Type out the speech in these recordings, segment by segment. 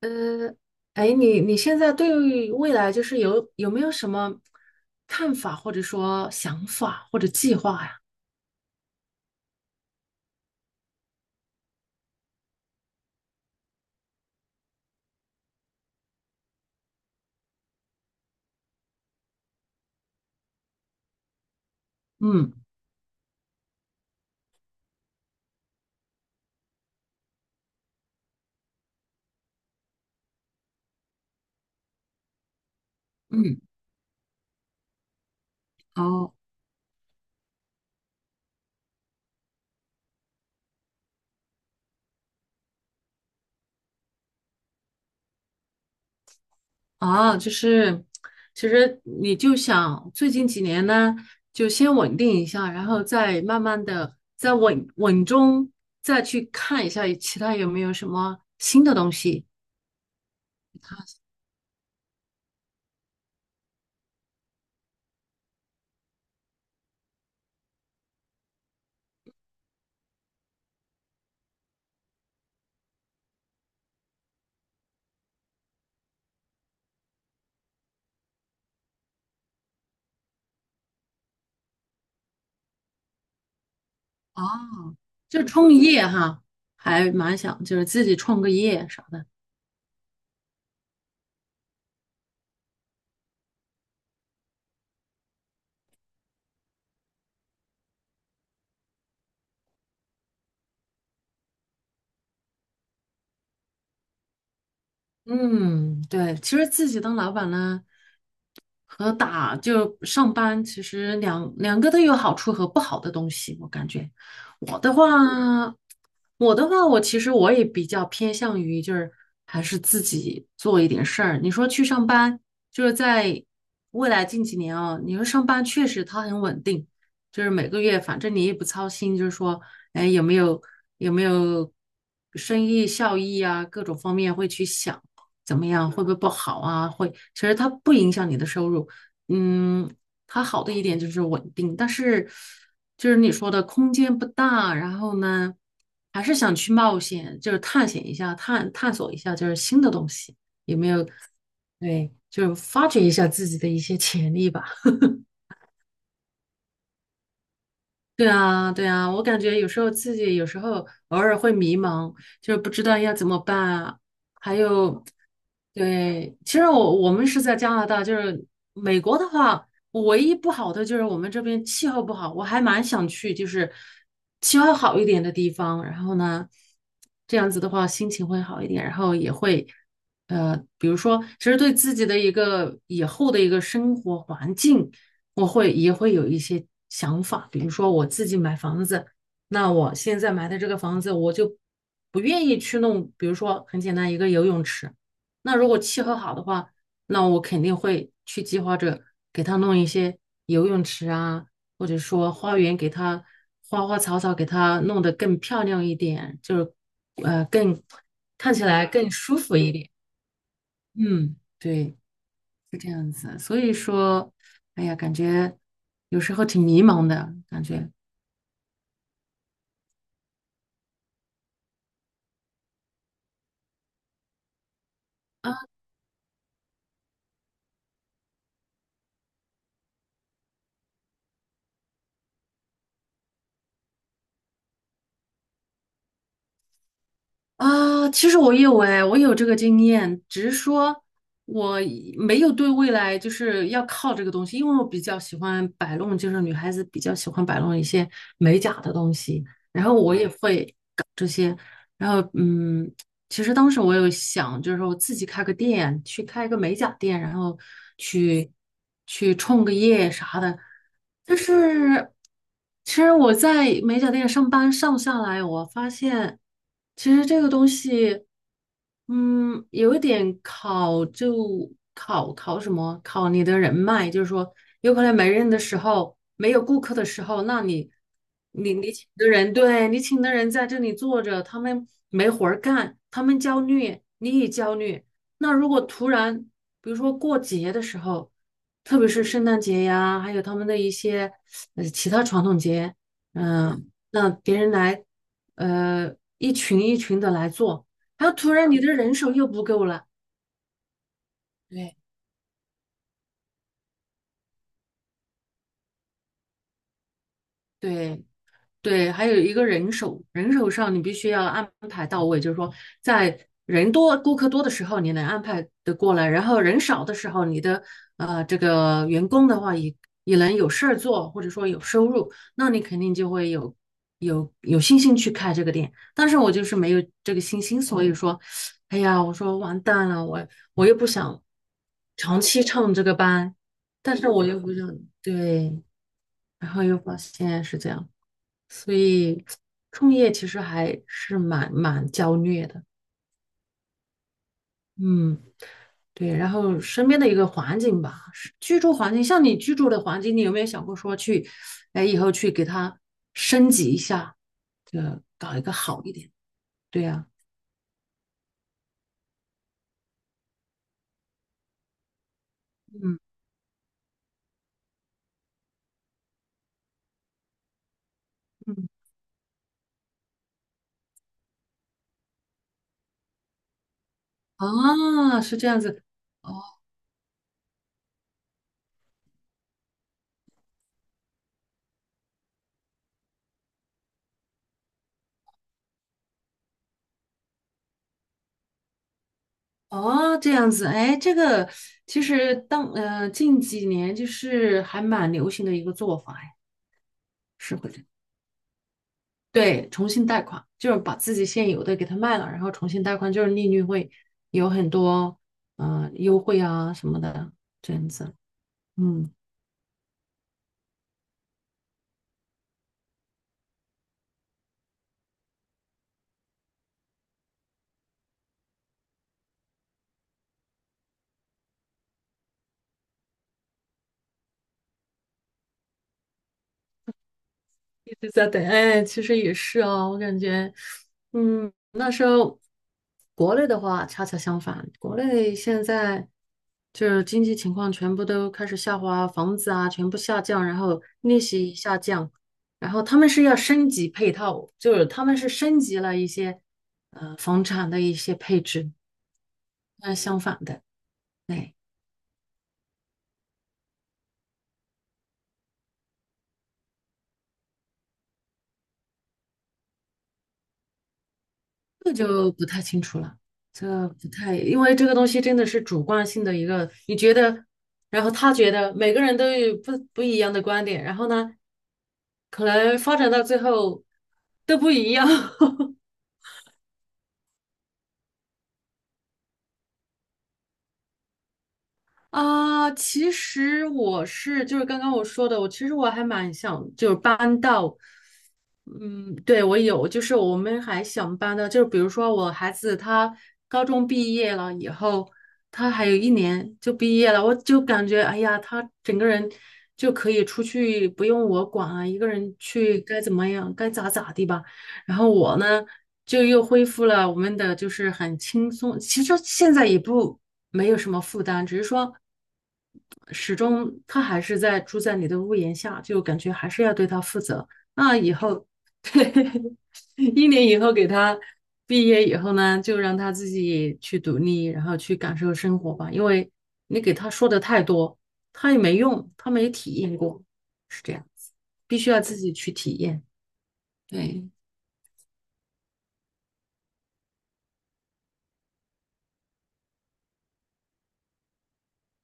呃，哎，你现在对于未来就是有没有什么看法，或者说想法或者计划呀？嗯嗯，哦啊，就是其实你就想最近几年呢，就先稳定一下，然后再慢慢的再稳稳中再去看一下其他有没有什么新的东西。哦，就创业哈，还蛮想就是自己创个业啥的。嗯，对，其实自己当老板呢，和打就上班，其实两个都有好处和不好的东西。我感觉我的话，我其实我也比较偏向于就是还是自己做一点事儿。你说去上班，就是在未来近几年啊，你说上班确实它很稳定，就是每个月反正你也不操心，就是说，哎，有没有生意效益啊，各种方面会去想。怎么样，会不会不好啊？会，其实它不影响你的收入。嗯，它好的一点就是稳定，但是就是你说的空间不大，然后呢，还是想去冒险，就是探险一下，探索一下，就是新的东西，有没有？对，就是发掘一下自己的一些潜力吧。对啊，对啊，我感觉有时候自己有时候偶尔会迷茫，就是不知道要怎么办啊。还有，对，其实我们是在加拿大，就是美国的话，唯一不好的就是我们这边气候不好，我还蛮想去，就是气候好一点的地方。然后呢，这样子的话心情会好一点，然后也会，比如说，其实对自己的一个以后的一个生活环境。我会也会有一些想法，比如说我自己买房子，那我现在买的这个房子，我就不愿意去弄，比如说很简单一个游泳池，那如果契合好的话，那我肯定会去计划着给他弄一些游泳池啊，或者说花园给他花花草草给他弄得更漂亮一点，就是呃更看起来更舒服一点。嗯，对。是这样子，所以说，哎呀，感觉有时候挺迷茫的感觉啊啊！其实我有哎，我有这个经验，只是说我没有对未来就是要靠这个东西，因为我比较喜欢摆弄，就是女孩子比较喜欢摆弄一些美甲的东西，然后我也会搞这些，然后嗯，其实当时我有想，就是我自己开个店，去开一个美甲店，然后去去创个业啥的。但是，其实我在美甲店上班上下来，我发现其实这个东西。嗯，有一点考就考什么？考你的人脉，就是说，有可能没人的时候，没有顾客的时候，那你请的人，对你请的人在这里坐着，他们没活儿干，他们焦虑，你也焦虑。那如果突然，比如说过节的时候，特别是圣诞节呀，还有他们的一些其他传统节，嗯、那别人来，一群一群的来做。然后突然你的人手又不够了，对，对，对，还有一个人手，人手上你必须要安排到位，就是说在人多、顾客多的时候，你能安排的过来，然后人少的时候，你的这个员工的话也能有事儿做，或者说有收入，那你肯定就会有信心去开这个店。但是我就是没有这个信心，所以说，哎呀，我说完蛋了，我我又不想长期唱这个班，但是我又不想，对，然后又发现是这样。所以创业其实还是蛮焦虑的，嗯，对。然后身边的一个环境吧，是居住环境，像你居住的环境，你有没有想过说去，哎，以后去给它升级一下？对呀，嗯，嗯，啊，是这样子，哦，哦，这样子，哎，这个其实当近几年就是还蛮流行的一个做法，哎，是会。对，重新贷款就是把自己现有的给它卖了，然后重新贷款，就是利率会有很多优惠啊什么的，这样子。嗯。一直在等，哎，其实也是哦，我感觉，嗯，那时候国内的话恰恰相反，国内现在就是经济情况全部都开始下滑，房子啊全部下降，然后利息下降，然后他们是要升级配套，就是他们是升级了一些房产的一些配置，那相反的，对。这就不太清楚了，这不太，因为这个东西真的是主观性的一个，你觉得，然后他觉得，每个人都有不一样的观点，然后呢，可能发展到最后都不一样。啊，其实我是就是刚刚我说的，我其实我还蛮想就是搬到，嗯，对我有，就是我们还想搬的，就是比如说我孩子他高中毕业了以后，他还有一年就毕业了，我就感觉哎呀，他整个人就可以出去，不用我管啊，一个人去该怎么样该咋咋地吧。然后我呢，就又恢复了我们的就是很轻松，其实现在也不没有什么负担，只是说始终他还是在住在你的屋檐下，就感觉还是要对他负责。那以后，一年以后给他毕业以后呢，就让他自己去独立，然后去感受生活吧，因为你给他说的太多，他也没用，他没体验过，是这样子，必须要自己去体验。对，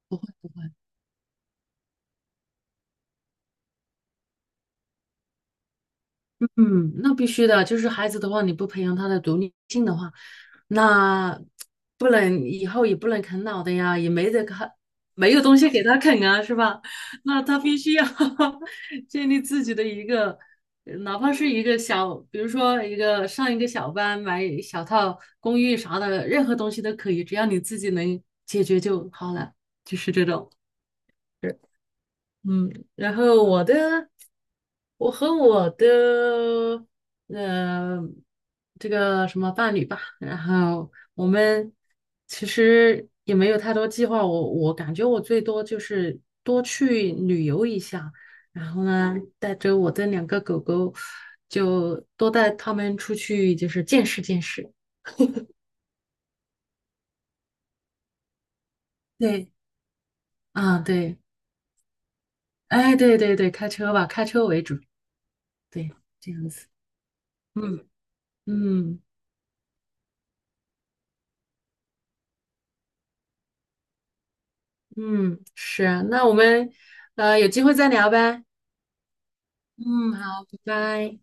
不会，不会。嗯，那必须的，就是孩子的话，你不培养他的独立性的话，那不能以后也不能啃老的呀，也没得啃，没有东西给他啃啊，是吧？那他必须要 建立自己的一个，哪怕是一个小，比如说一个上一个小班，买小套公寓啥的，任何东西都可以，只要你自己能解决就好了，就是这种。嗯，然后我的，我和我的，呃，这个什么伴侣吧，然后我们其实也没有太多计划，我感觉我最多就是多去旅游一下，然后呢，带着我的两个狗狗，就多带他们出去，就是见识见识。对，啊，对，哎，对对对，开车吧，开车为主，对，这样子，嗯嗯。嗯，是，那我们有机会再聊呗。嗯，好，拜拜。